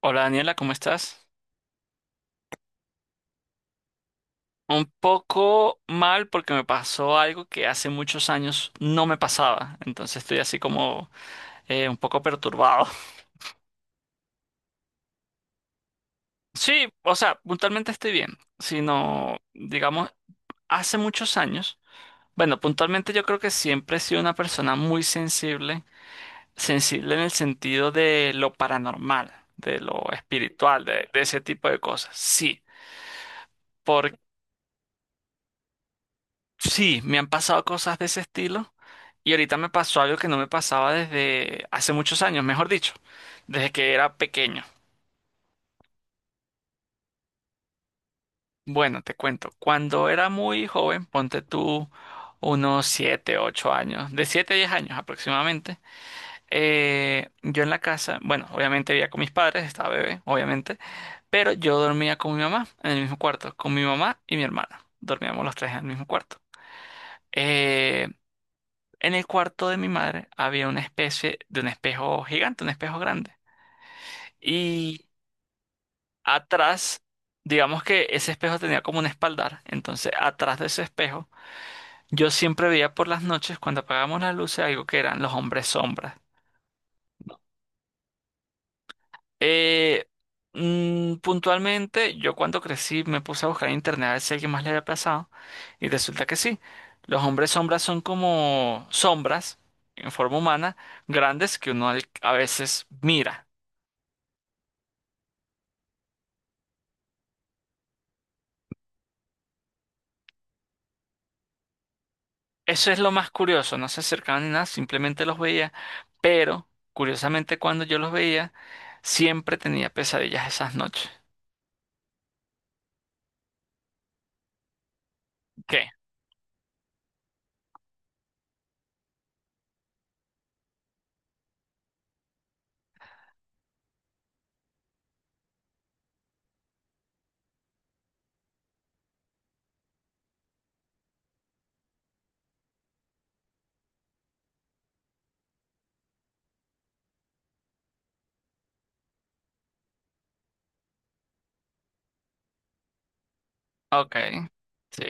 Hola Daniela, ¿cómo estás? Un poco mal porque me pasó algo que hace muchos años no me pasaba, entonces estoy así como un poco perturbado. Sí, o sea, puntualmente estoy bien, sino, digamos, hace muchos años, bueno, puntualmente yo creo que siempre he sido una persona muy sensible, sensible en el sentido de lo paranormal, de lo espiritual, de ese tipo de cosas, sí. Porque sí, me han pasado cosas de ese estilo y ahorita me pasó algo que no me pasaba desde hace muchos años, mejor dicho, desde que era pequeño. Bueno, te cuento, cuando era muy joven, ponte tú unos 7, 8 años, de siete a 10 años aproximadamente. Yo en la casa, bueno, obviamente vivía con mis padres, estaba bebé, obviamente, pero yo dormía con mi mamá en el mismo cuarto, con mi mamá y mi hermana, dormíamos los tres en el mismo cuarto. Eh, En el cuarto de mi madre había una especie de un espejo gigante, un espejo grande. Y atrás, digamos que ese espejo tenía como un espaldar. Entonces, atrás de ese espejo, yo siempre veía por las noches, cuando apagábamos las luces, algo que eran los hombres sombras. Eh, Puntualmente, yo cuando crecí me puse a buscar en internet a ver si alguien más le había pasado. Y resulta que sí. Los hombres sombras son como sombras en forma humana, grandes que uno a veces mira. Eso es lo más curioso, no se acercaban ni nada, simplemente los veía, pero curiosamente cuando yo los veía, siempre tenía pesadillas esas noches. ¿Qué? Ok, sí,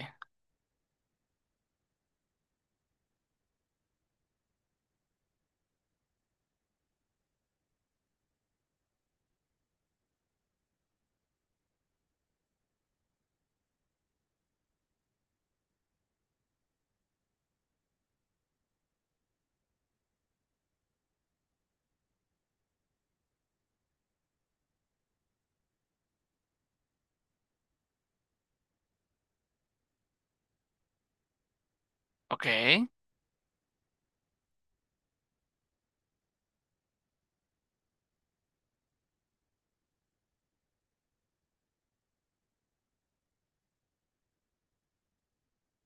ok.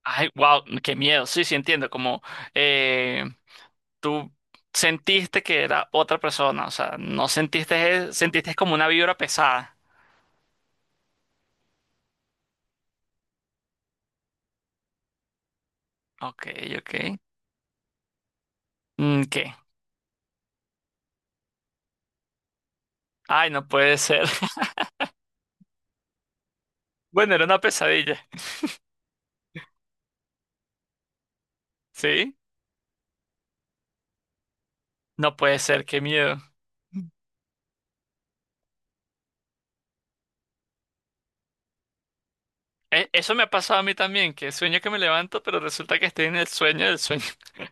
Ay, wow, qué miedo, sí, sí entiendo, como eh, tú sentiste que era otra persona, o sea, no sentiste, sentiste como una vibra pesada. Ok, ok. Mm, ¿qué? Ay, no puede ser. Bueno, era una pesadilla, ¿sí? No puede ser, qué miedo. Eso me ha pasado a mí también, que sueño que me levanto, pero resulta que estoy en el sueño del sueño.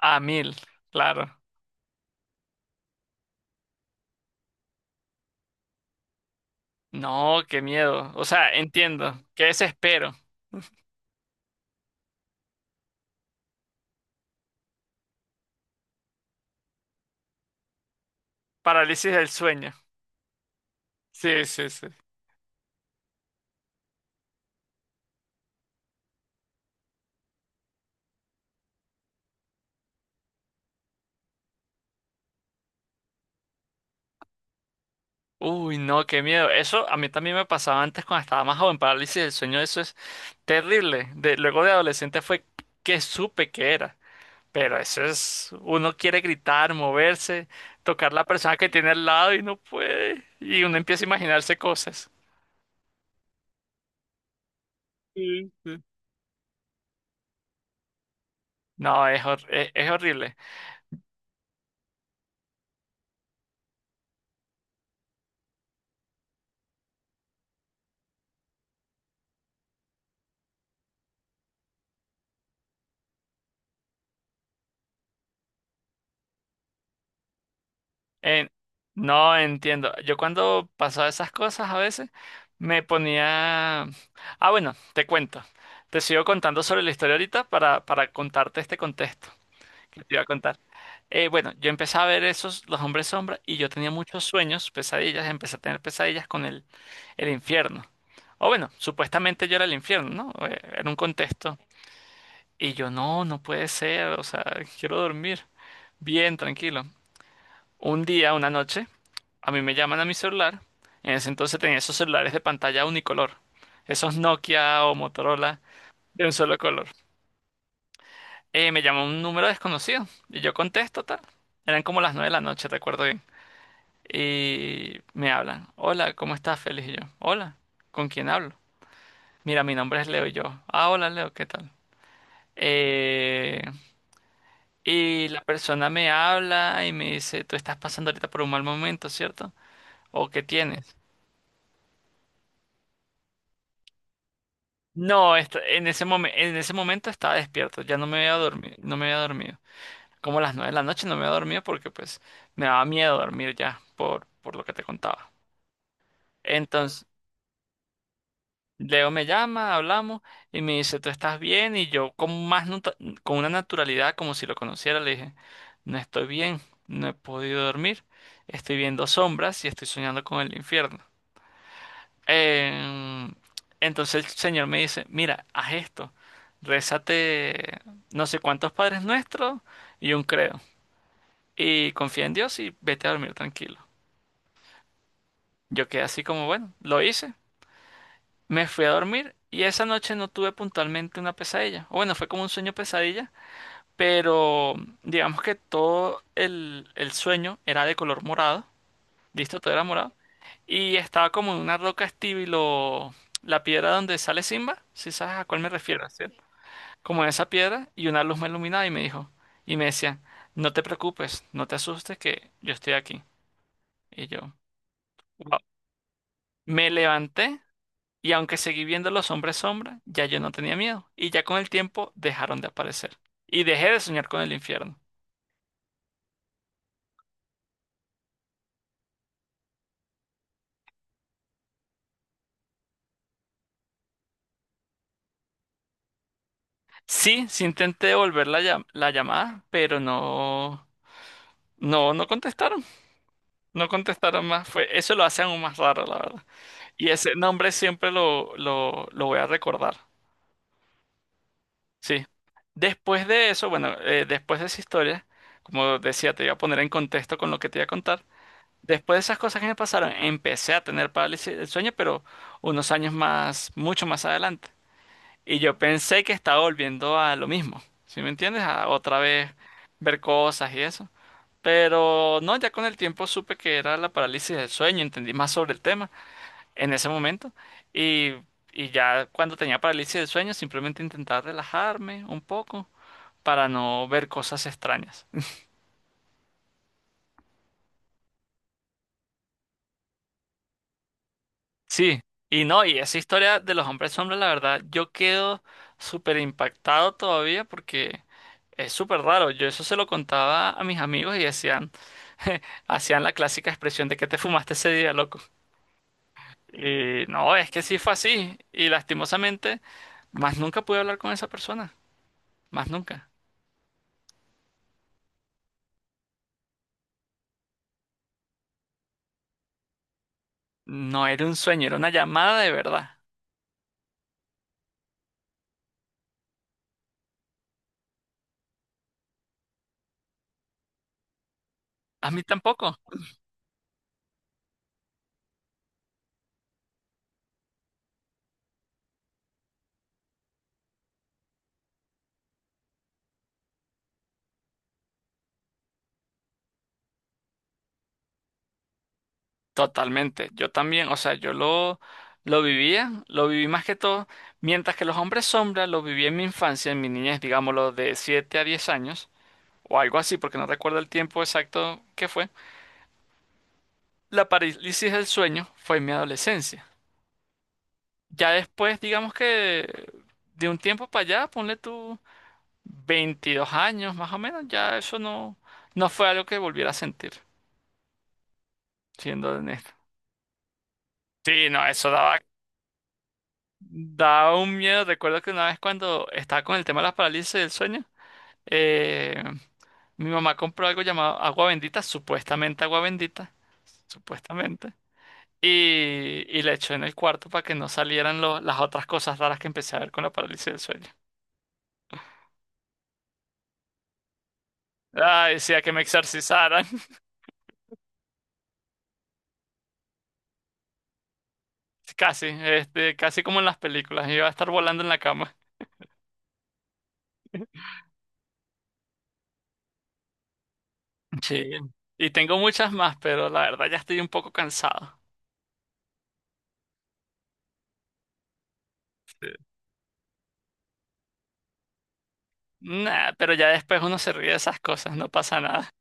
A mil, claro. No, qué miedo. O sea, entiendo. Qué desespero. Parálisis del sueño. Sí, sí, sí. Uy, no, qué miedo. Eso a mí también me pasaba antes cuando estaba más joven. Parálisis del sueño, eso es terrible. Luego de adolescente fue que supe que era. Pero eso es, uno quiere gritar, moverse, tocar la persona que tiene al lado y no puede. Y uno empieza a imaginarse cosas. Sí. No, es, es horrible. Eh, no entiendo. Yo cuando pasaba esas cosas a veces me ponía. Ah, bueno, te cuento. Te sigo contando sobre la historia ahorita para contarte este contexto que te iba a contar. Bueno, yo empecé a ver esos, los hombres sombra, y yo tenía muchos sueños, pesadillas, empecé a tener pesadillas con el infierno. O bueno, supuestamente yo era el infierno, ¿no? Era un contexto. Y yo, no, no puede ser, o sea, quiero dormir bien, tranquilo. Un día, una noche, a mí me llaman a mi celular. En ese entonces tenía esos celulares de pantalla unicolor, esos Nokia o Motorola de un solo color. Me llama un número desconocido y yo contesto tal. Eran como las 9 de la noche, recuerdo bien. Y me hablan. Hola, ¿cómo estás, Félix? Y yo, hola, ¿con quién hablo? Mira, mi nombre es Leo y yo. Ah, hola, Leo, ¿qué tal? Eh, y la persona me habla y me dice, tú estás pasando ahorita por un mal momento, ¿cierto? ¿O qué tienes? No, en ese momento estaba despierto, ya no me había dormido, no me había dormido. Como a las 9 de la noche no me había dormido porque pues me daba miedo dormir ya por lo que te contaba. Entonces, Leo me llama, hablamos y me dice, ¿tú estás bien? Y yo con una naturalidad como si lo conociera le dije, no estoy bien, no he podido dormir, estoy viendo sombras y estoy soñando con el infierno. Em, entonces el señor me dice, mira, haz esto, rézate no sé cuántos padres nuestros y un credo, y confía en Dios y vete a dormir tranquilo. Yo quedé así como, bueno, lo hice, me fui a dormir y esa noche no tuve puntualmente una pesadilla, o bueno, fue como un sueño pesadilla, pero digamos que todo el sueño era de color morado. Listo, todo era morado. Y estaba como en una roca estilo la piedra donde sale Simba, si sabes a cuál me refiero, ¿sí? Como en esa piedra y una luz me iluminaba y me dijo, y me decía, no te preocupes, no te asustes que yo estoy aquí. Y yo, wow. Me levanté y aunque seguí viendo los hombres sombra, ya yo no tenía miedo. Y ya con el tiempo dejaron de aparecer. Y dejé de soñar con el infierno. Sí, sí intenté devolver la llamada, pero no, no, no contestaron. No contestaron más, fue, eso lo hace aún más raro, la verdad. Y ese nombre siempre lo voy a recordar, sí. Después de eso, bueno, después de esa historia, como decía, te iba a poner en contexto con lo que te iba a contar. Después de esas cosas que me pasaron, empecé a tener parálisis del sueño, pero unos años más, mucho más adelante. Y yo pensé que estaba volviendo a lo mismo, ¿sí me entiendes? A otra vez ver cosas y eso. Pero no, ya con el tiempo supe que era la parálisis del sueño, entendí más sobre el tema en ese momento. Y, y ya cuando tenía parálisis del sueño, simplemente intentaba relajarme un poco para no ver cosas extrañas. Sí, y no, y esa historia de los hombres sombra, la verdad, yo quedo súper impactado todavía porque es súper raro. Yo eso se lo contaba a mis amigos y decían, hacían la clásica expresión de que te fumaste ese día, loco. Y no, es que sí fue así. Y lastimosamente, más nunca pude hablar con esa persona. Más nunca. No era un sueño, era una llamada de verdad. A mí tampoco. Totalmente. Yo también, o sea, yo lo vivía, lo viví más que todo, mientras que los hombres sombra lo viví en mi infancia, en mi niñez, digámoslo, de 7 a 10 años, o algo así, porque no recuerdo el tiempo exacto que fue. La parálisis del sueño fue en mi adolescencia. Ya después, digamos que de un tiempo para allá, ponle tú 22 años más o menos, ya eso no fue algo que volviera a sentir, siendo honesto. Sí, no, eso daba, un miedo. Recuerdo que una vez cuando estaba con el tema de las parálisis del sueño, eh, mi mamá compró algo llamado agua bendita, supuestamente, y la echó en el cuarto para que no salieran las otras cosas raras que empecé a ver con la parálisis del sueño. Ah, decía que me exorcizaran, casi, este, casi como en las películas, iba a estar volando en la cama. Sí. Y tengo muchas más, pero la verdad ya estoy un poco cansado. Nah, pero ya después uno se ríe de esas cosas, no pasa nada.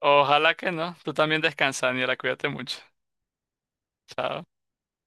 Ojalá que no. Tú también descansa, Daniela, cuídate mucho. Chao.